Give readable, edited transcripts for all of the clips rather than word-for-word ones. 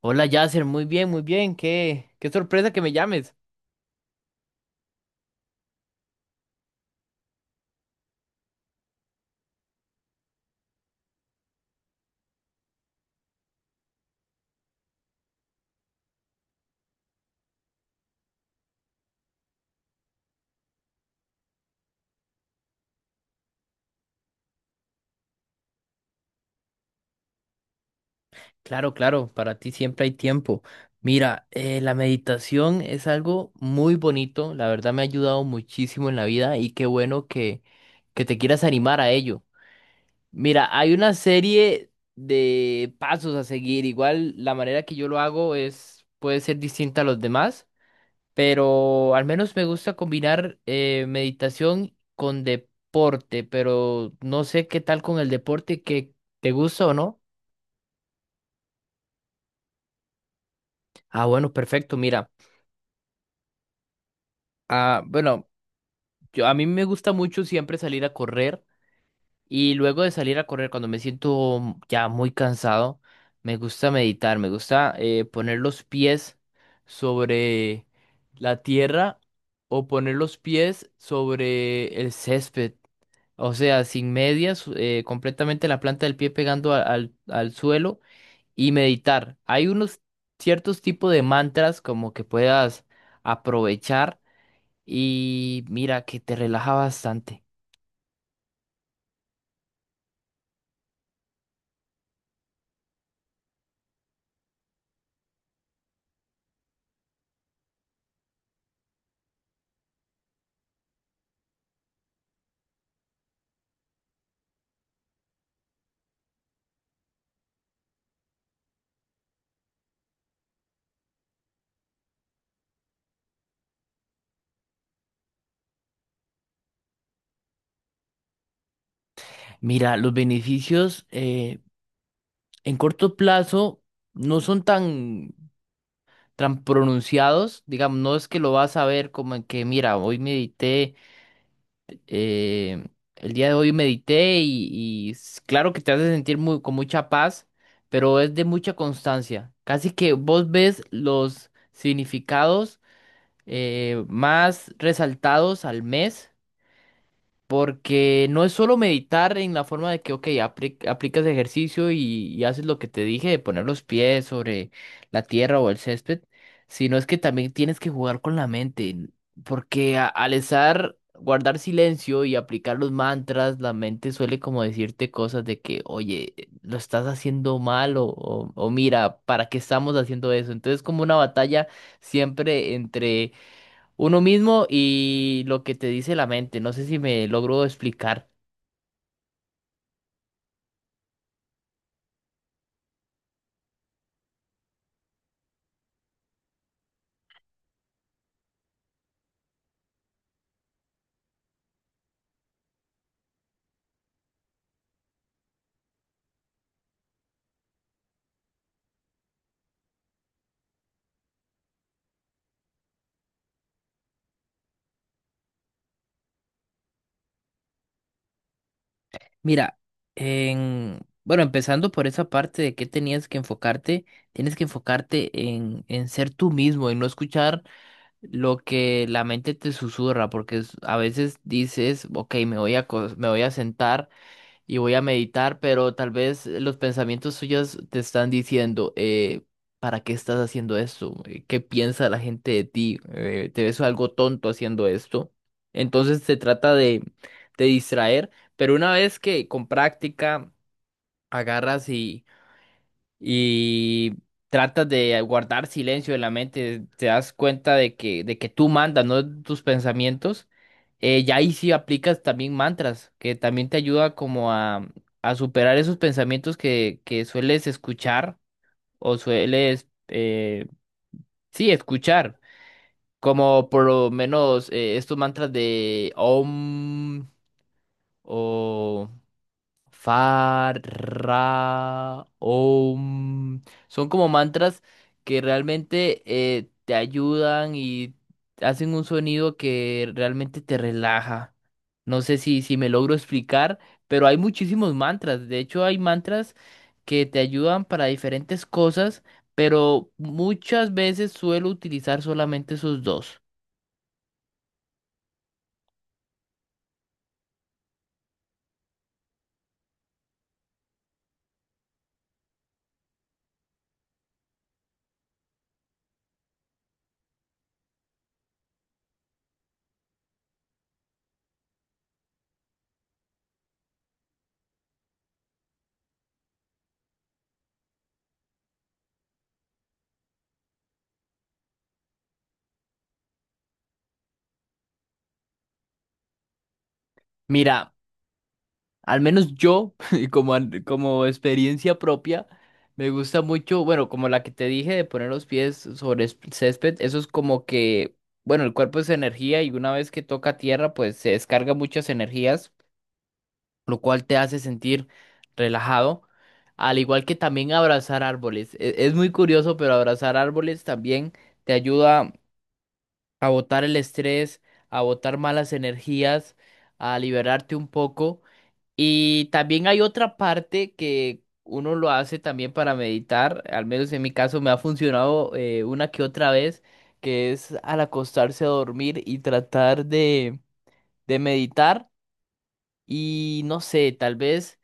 Hola Yasser, muy bien, muy bien. Qué sorpresa que me llames. Claro, claro, para ti siempre hay tiempo. Mira, la meditación es algo muy bonito. La verdad me ha ayudado muchísimo en la vida y qué bueno que te quieras animar a ello. Mira, hay una serie de pasos a seguir. Igual la manera que yo lo hago es puede ser distinta a los demás. Pero al menos me gusta combinar meditación con deporte, pero no sé qué tal con el deporte que te gusta o no. Ah, bueno, perfecto, mira. Ah, bueno, yo, a mí me gusta mucho siempre salir a correr. Y luego de salir a correr, cuando me siento ya muy cansado, me gusta meditar, me gusta poner los pies sobre la tierra o poner los pies sobre el césped. O sea, sin medias, completamente la planta del pie pegando al suelo y meditar. Hay unos ciertos tipos de mantras como que puedas aprovechar y mira que te relaja bastante. Mira, los beneficios, en corto plazo no son tan pronunciados, digamos, no es que lo vas a ver como en que, mira, hoy medité, eh, el día de hoy medité y claro que te hace sentir muy, con mucha paz, pero es de mucha constancia. Casi que vos ves los significados más resaltados al mes. Porque no es solo meditar en la forma de que, ok, aplicas ejercicio y haces lo que te dije de poner los pies sobre la tierra o el césped, sino es que también tienes que jugar con la mente, porque al estar, guardar silencio y aplicar los mantras, la mente suele como decirte cosas de que, oye, lo estás haciendo mal o mira, ¿para qué estamos haciendo eso? Entonces como una batalla siempre entre uno mismo y lo que te dice la mente. No sé si me logro explicar. Mira, bueno, empezando por esa parte de que tenías que enfocarte, tienes que enfocarte en ser tú mismo, en no escuchar lo que la mente te susurra, porque a veces dices, ok, me voy a sentar. Y voy a meditar, pero tal vez los pensamientos suyos te están diciendo, ¿para qué estás haciendo esto? ¿Qué piensa la gente de ti? ¿Te ves algo tonto haciendo esto? Entonces se trata de distraer, pero una vez que con práctica agarras y tratas de guardar silencio en la mente, te das cuenta de que tú mandas, no tus pensamientos, ya ahí sí aplicas también mantras, que también te ayuda como a superar esos pensamientos que sueles escuchar o sueles, sí, escuchar, como por lo menos estos mantras de Om o... Fa, ra, om. Son como mantras que realmente te ayudan y hacen un sonido que realmente te relaja. No sé si me logro explicar, pero hay muchísimos mantras. De hecho, hay mantras que te ayudan para diferentes cosas, pero muchas veces suelo utilizar solamente esos dos. Mira. Al menos yo, y como, como experiencia propia, me gusta mucho, bueno, como la que te dije de poner los pies sobre césped, eso es como que, bueno, el cuerpo es energía y una vez que toca tierra, pues se descarga muchas energías, lo cual te hace sentir relajado, al igual que también abrazar árboles. Es, muy curioso, pero abrazar árboles también te ayuda a botar el estrés, a botar malas energías, a liberarte un poco. Y también hay otra parte que uno lo hace también para meditar, al menos en mi caso me ha funcionado una que otra vez, que es al acostarse a dormir y tratar de meditar y no sé, tal vez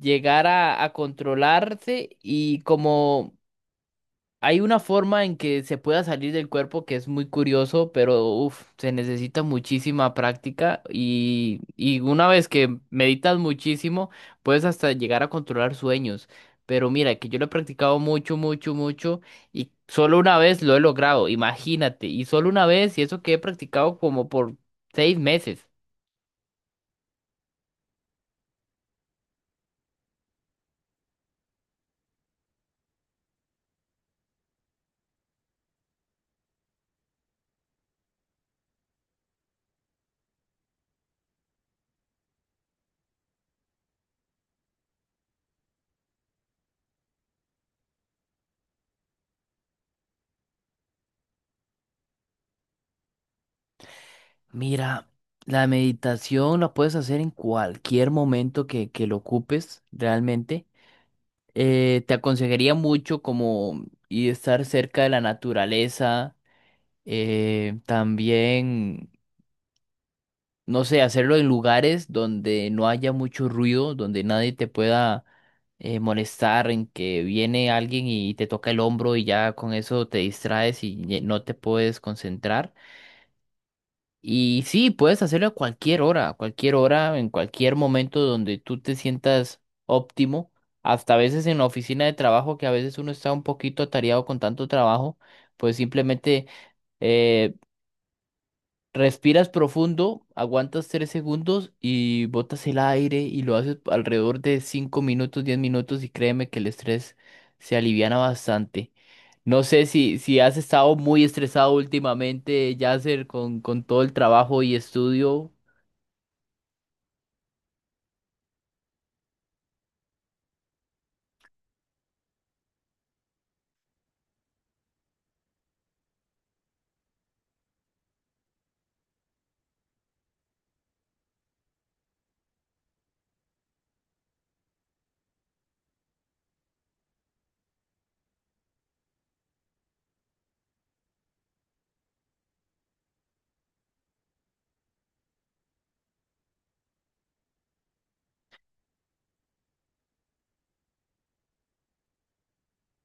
llegar a controlarse y como hay una forma en que se pueda salir del cuerpo que es muy curioso, pero uf, se necesita muchísima práctica y una vez que meditas muchísimo, puedes hasta llegar a controlar sueños. Pero mira, que yo lo he practicado mucho, mucho, mucho y solo una vez lo he logrado, imagínate, y solo una vez y eso que he practicado como por 6 meses. Mira, la meditación la puedes hacer en cualquier momento que lo ocupes realmente. Te aconsejaría mucho como y estar cerca de la naturaleza, también, no sé, hacerlo en lugares donde no haya mucho ruido, donde nadie te pueda molestar, en que viene alguien y te toca el hombro y ya con eso te distraes y no te puedes concentrar. Y sí, puedes hacerlo a cualquier hora, en cualquier momento donde tú te sientas óptimo, hasta a veces en la oficina de trabajo, que a veces uno está un poquito atareado con tanto trabajo, pues simplemente eh, respiras profundo, aguantas 3 segundos y botas el aire y lo haces alrededor de 5 minutos, 10 minutos y créeme que el estrés se aliviana bastante. No sé si has estado muy estresado últimamente, Yasser, con todo el trabajo y estudio.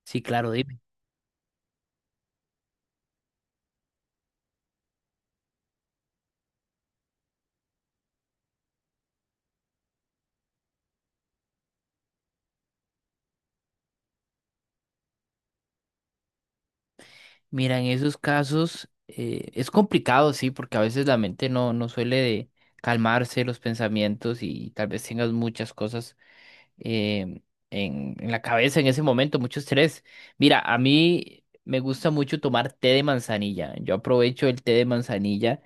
Sí, claro, dime. Mira, en esos casos es complicado, sí, porque a veces la mente no suele de calmarse los pensamientos y tal vez tengas muchas cosas eh, en la cabeza en ese momento, mucho estrés. Mira, a mí me gusta mucho tomar té de manzanilla. Yo aprovecho el té de manzanilla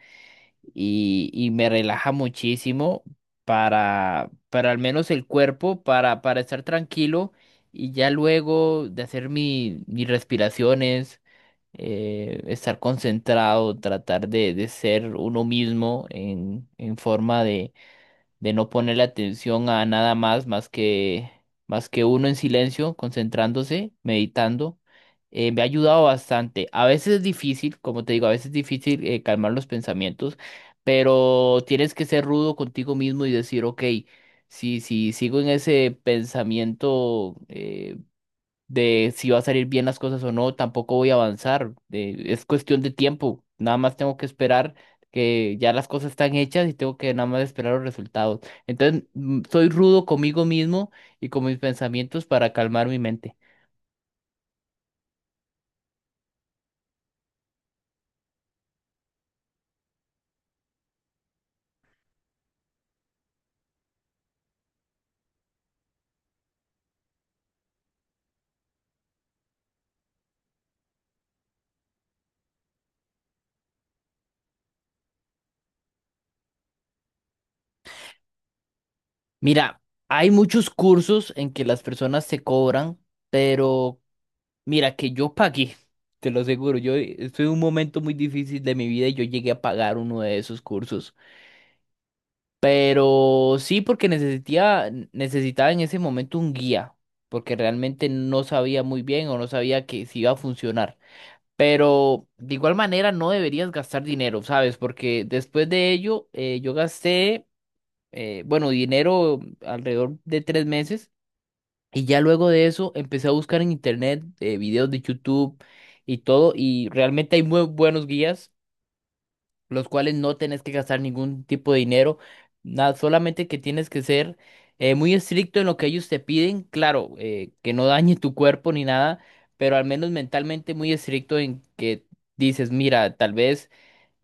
y me relaja muchísimo para al menos el cuerpo, para estar tranquilo y ya luego de hacer mis respiraciones. Estar concentrado, tratar de ser uno mismo en forma de no ponerle atención a nada más más que uno en silencio, concentrándose, meditando, me ha ayudado bastante. A veces es difícil, como te digo, a veces es difícil calmar los pensamientos, pero tienes que ser rudo contigo mismo y decir, ok, si sigo en ese pensamiento de si va a salir bien las cosas o no, tampoco voy a avanzar. Es cuestión de tiempo. Nada más tengo que esperar que ya las cosas están hechas y tengo que nada más esperar los resultados. Entonces, soy rudo conmigo mismo y con mis pensamientos para calmar mi mente. Mira, hay muchos cursos en que las personas se cobran, pero mira que yo pagué. Te lo aseguro, yo estoy en un momento muy difícil de mi vida y yo llegué a pagar uno de esos cursos. Pero sí, porque necesitaba, necesitaba en ese momento un guía, porque realmente no sabía muy bien o no sabía que si iba a funcionar. Pero de igual manera no deberías gastar dinero, ¿sabes? Porque después de ello yo gasté, bueno, dinero alrededor de 3 meses y ya luego de eso empecé a buscar en internet videos de YouTube y todo y realmente hay muy buenos guías los cuales no tenés que gastar ningún tipo de dinero, nada, solamente que tienes que ser muy estricto en lo que ellos te piden, claro, que no dañe tu cuerpo ni nada, pero al menos mentalmente muy estricto en que dices, mira, tal vez...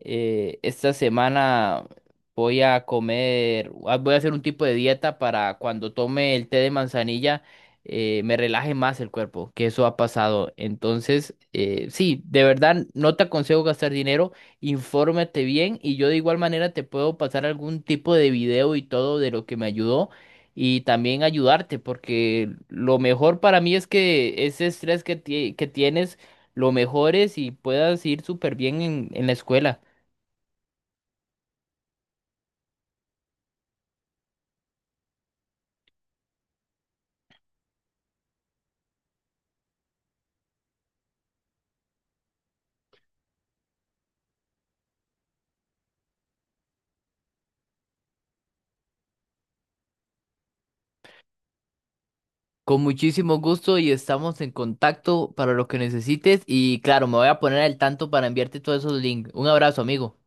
Esta semana voy a comer, ah, voy a hacer un tipo de dieta para cuando tome el té de manzanilla, me relaje más el cuerpo, que eso ha pasado. Entonces, sí, de verdad no te aconsejo gastar dinero, infórmate bien y yo de igual manera te puedo pasar algún tipo de video y todo de lo que me ayudó y también ayudarte, porque lo mejor para mí es que ese estrés que tienes lo mejores y puedas ir súper bien en la escuela. Con muchísimo gusto y estamos en contacto para lo que necesites. Y claro, me voy a poner al tanto para enviarte todos esos links. Un abrazo, amigo.